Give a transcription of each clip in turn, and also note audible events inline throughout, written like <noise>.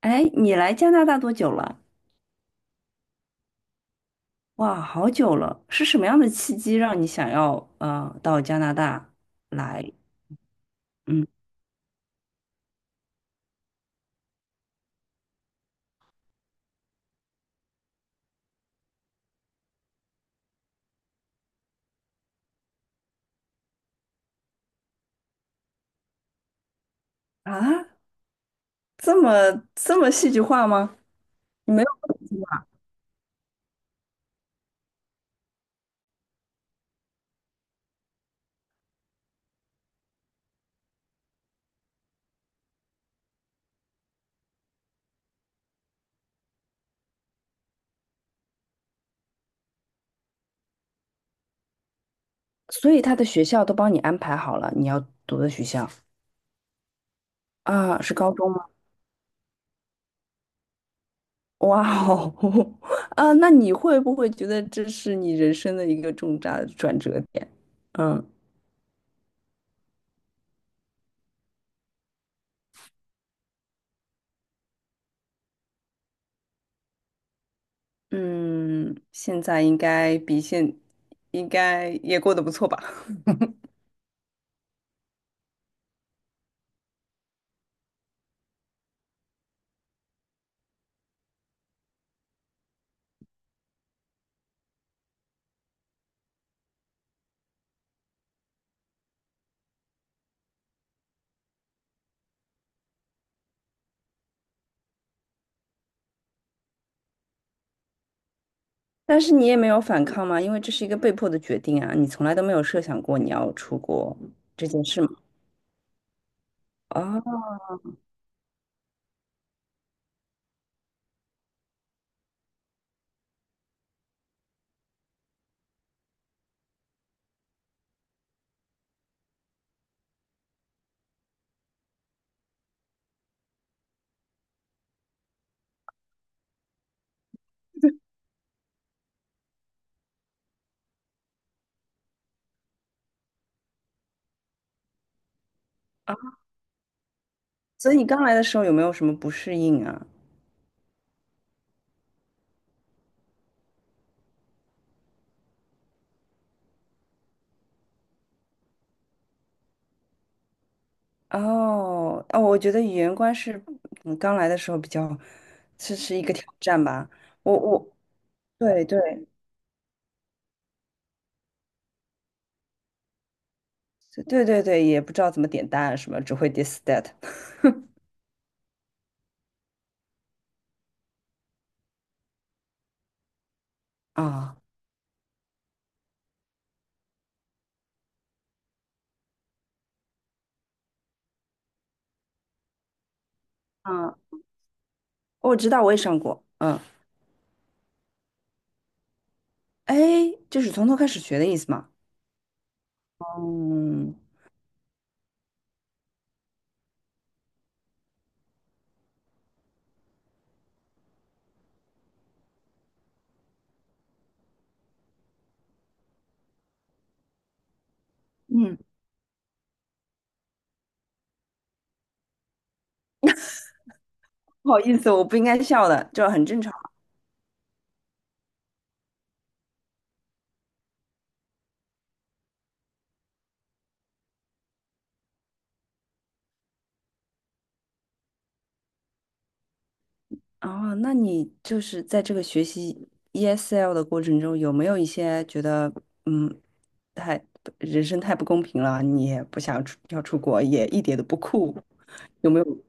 哎，你来加拿大多久了？哇，好久了！是什么样的契机让你想要到加拿大来？嗯啊，这么这么戏剧化吗？你没有，所以他的学校都帮你安排好了，你要读的学校啊，是高中吗？哇哦，<laughs> 啊，那你会不会觉得这是你人生的一个重大的转折点？嗯。嗯，现在应该比现应该也过得不错吧？但是你也没有反抗吗？因为这是一个被迫的决定啊，你从来都没有设想过你要出国这件事吗？哦。啊，所以你刚来的时候有没有什么不适应啊？哦哦，我觉得语言关是刚来的时候比较，这是一个挑战吧。我对对对对对，也不知道怎么点单啊什么，只会 this that。 啊啊，我知道，我也上过，嗯。哎，就是从头开始学的意思吗？嗯。嗯，不好意思，我不应该笑的，这很正常。哦，那你就是在这个学习 ESL 的过程中，有没有一些觉得，嗯，太，人生太不公平了，你也不想出，要出国，也一点都不酷，有没有？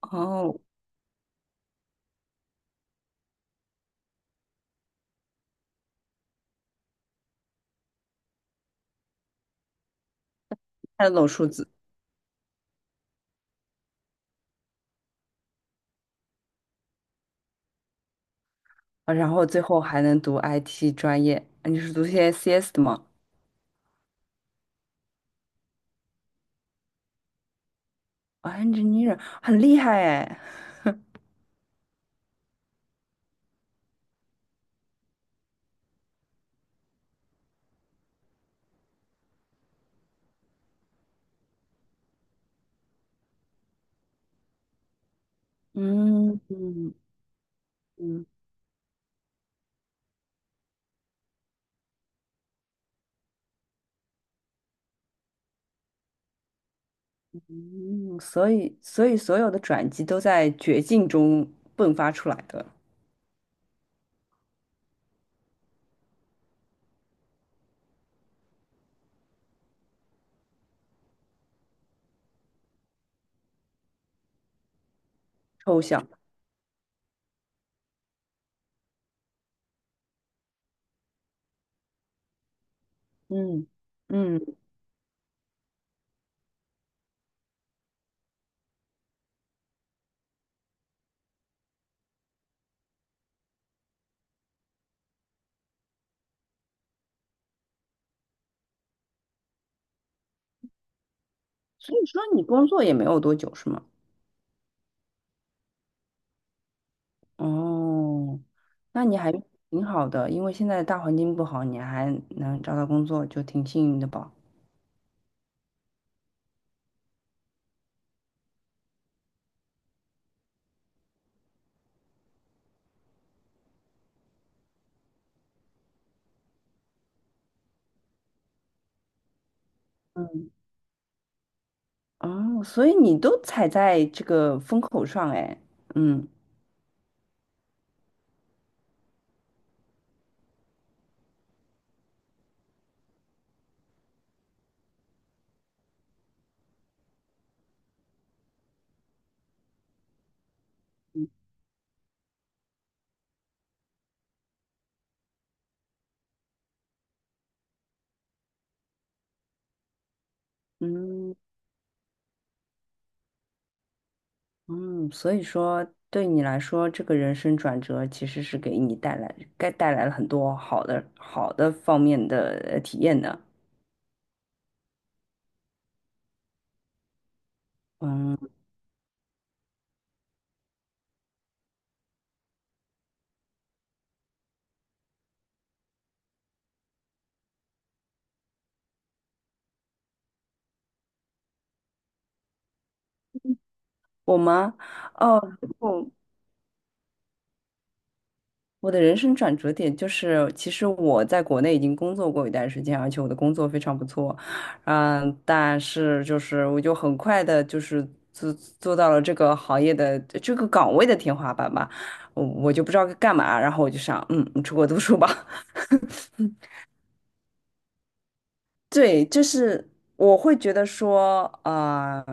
哦，看那种数字。啊然后最后还能读 IT 专业，啊你是读些 CS 的吗？啊，engineer 很厉害哎。嗯嗯嗯嗯，所以所有的转机都在绝境中迸发出来的。抽象。嗯嗯。所以说你工作也没有多久是吗？哦，那你还挺好的，因为现在大环境不好，你还能找到工作，就挺幸运的吧？嗯。哦，所以你都踩在这个风口上，哎。嗯嗯嗯，所以说对你来说，这个人生转折其实是给你带来，该带来了很多好的好的方面的体验的。嗯。我吗？哦，我我的人生转折点就是，其实我在国内已经工作过一段时间，而且我的工作非常不错。嗯，但是就是我就很快的，就是做做到了这个行业的这个岗位的天花板吧。我就不知道该干嘛，然后我就想，嗯，出国读书吧。对，就是我会觉得说，呃，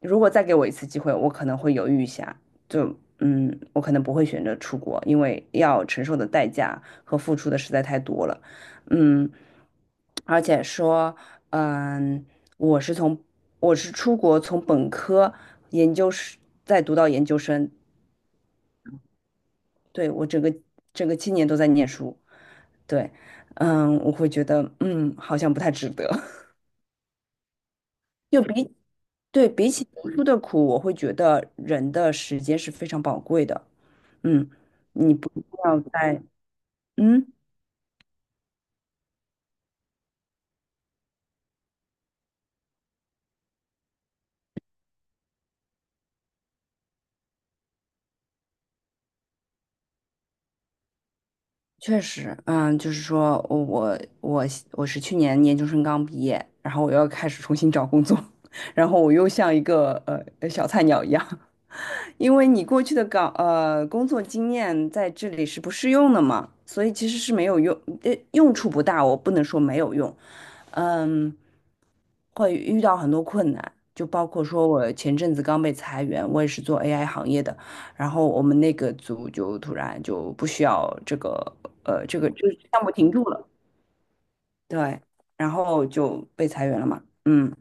如果再给我一次机会，我可能会犹豫一下，就嗯，我可能不会选择出国，因为要承受的代价和付出的实在太多了。嗯，而且说，嗯，我是从我是出国从本科研究生再读到研究生。对，我整个整个七年都在念书。对。嗯，我会觉得，嗯，好像不太值得。<laughs> 就比对，比起读书的苦，我会觉得人的时间是非常宝贵的。嗯，你不要在，嗯。确实，嗯，就是说我我是去年研究生刚毕业，然后我又要开始重新找工作。<laughs> 然后我又像一个小菜鸟一样，因为你过去的呃工作经验在这里是不适用的嘛，所以其实是没有用。呃，用处不大，我不能说没有用。嗯，会遇到很多困难，就包括说我前阵子刚被裁员，我也是做 AI 行业的，然后我们那个组就突然就不需要这个这个就是项目停住了。对，然后就被裁员了嘛。嗯。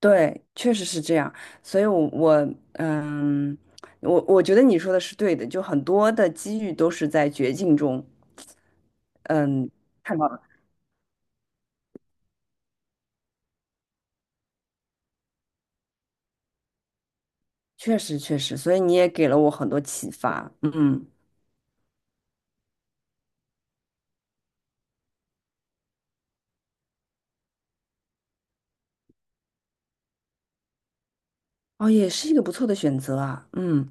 对，确实是这样，所以我，我觉得你说的是对的，就很多的机遇都是在绝境中，嗯，看到了。确实确实，所以你也给了我很多启发。嗯。哦，也是一个不错的选择啊。嗯。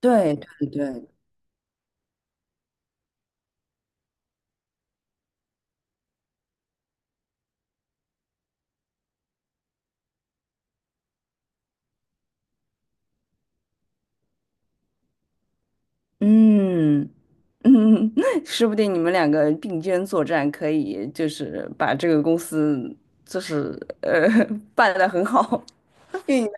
对对对。嗯嗯，<laughs> 说不定你们两个并肩作战，可以就是把这个公司就是呃 <laughs> 办得很好。<laughs> 运营。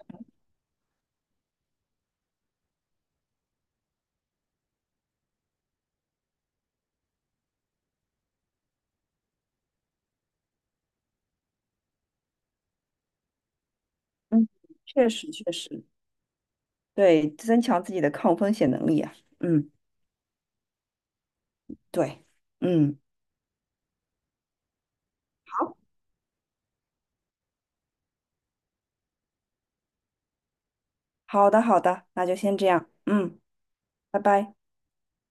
嗯，确实确实。对，增强自己的抗风险能力啊。嗯。对。嗯。好，好的，好的，那就先这样。嗯，拜拜。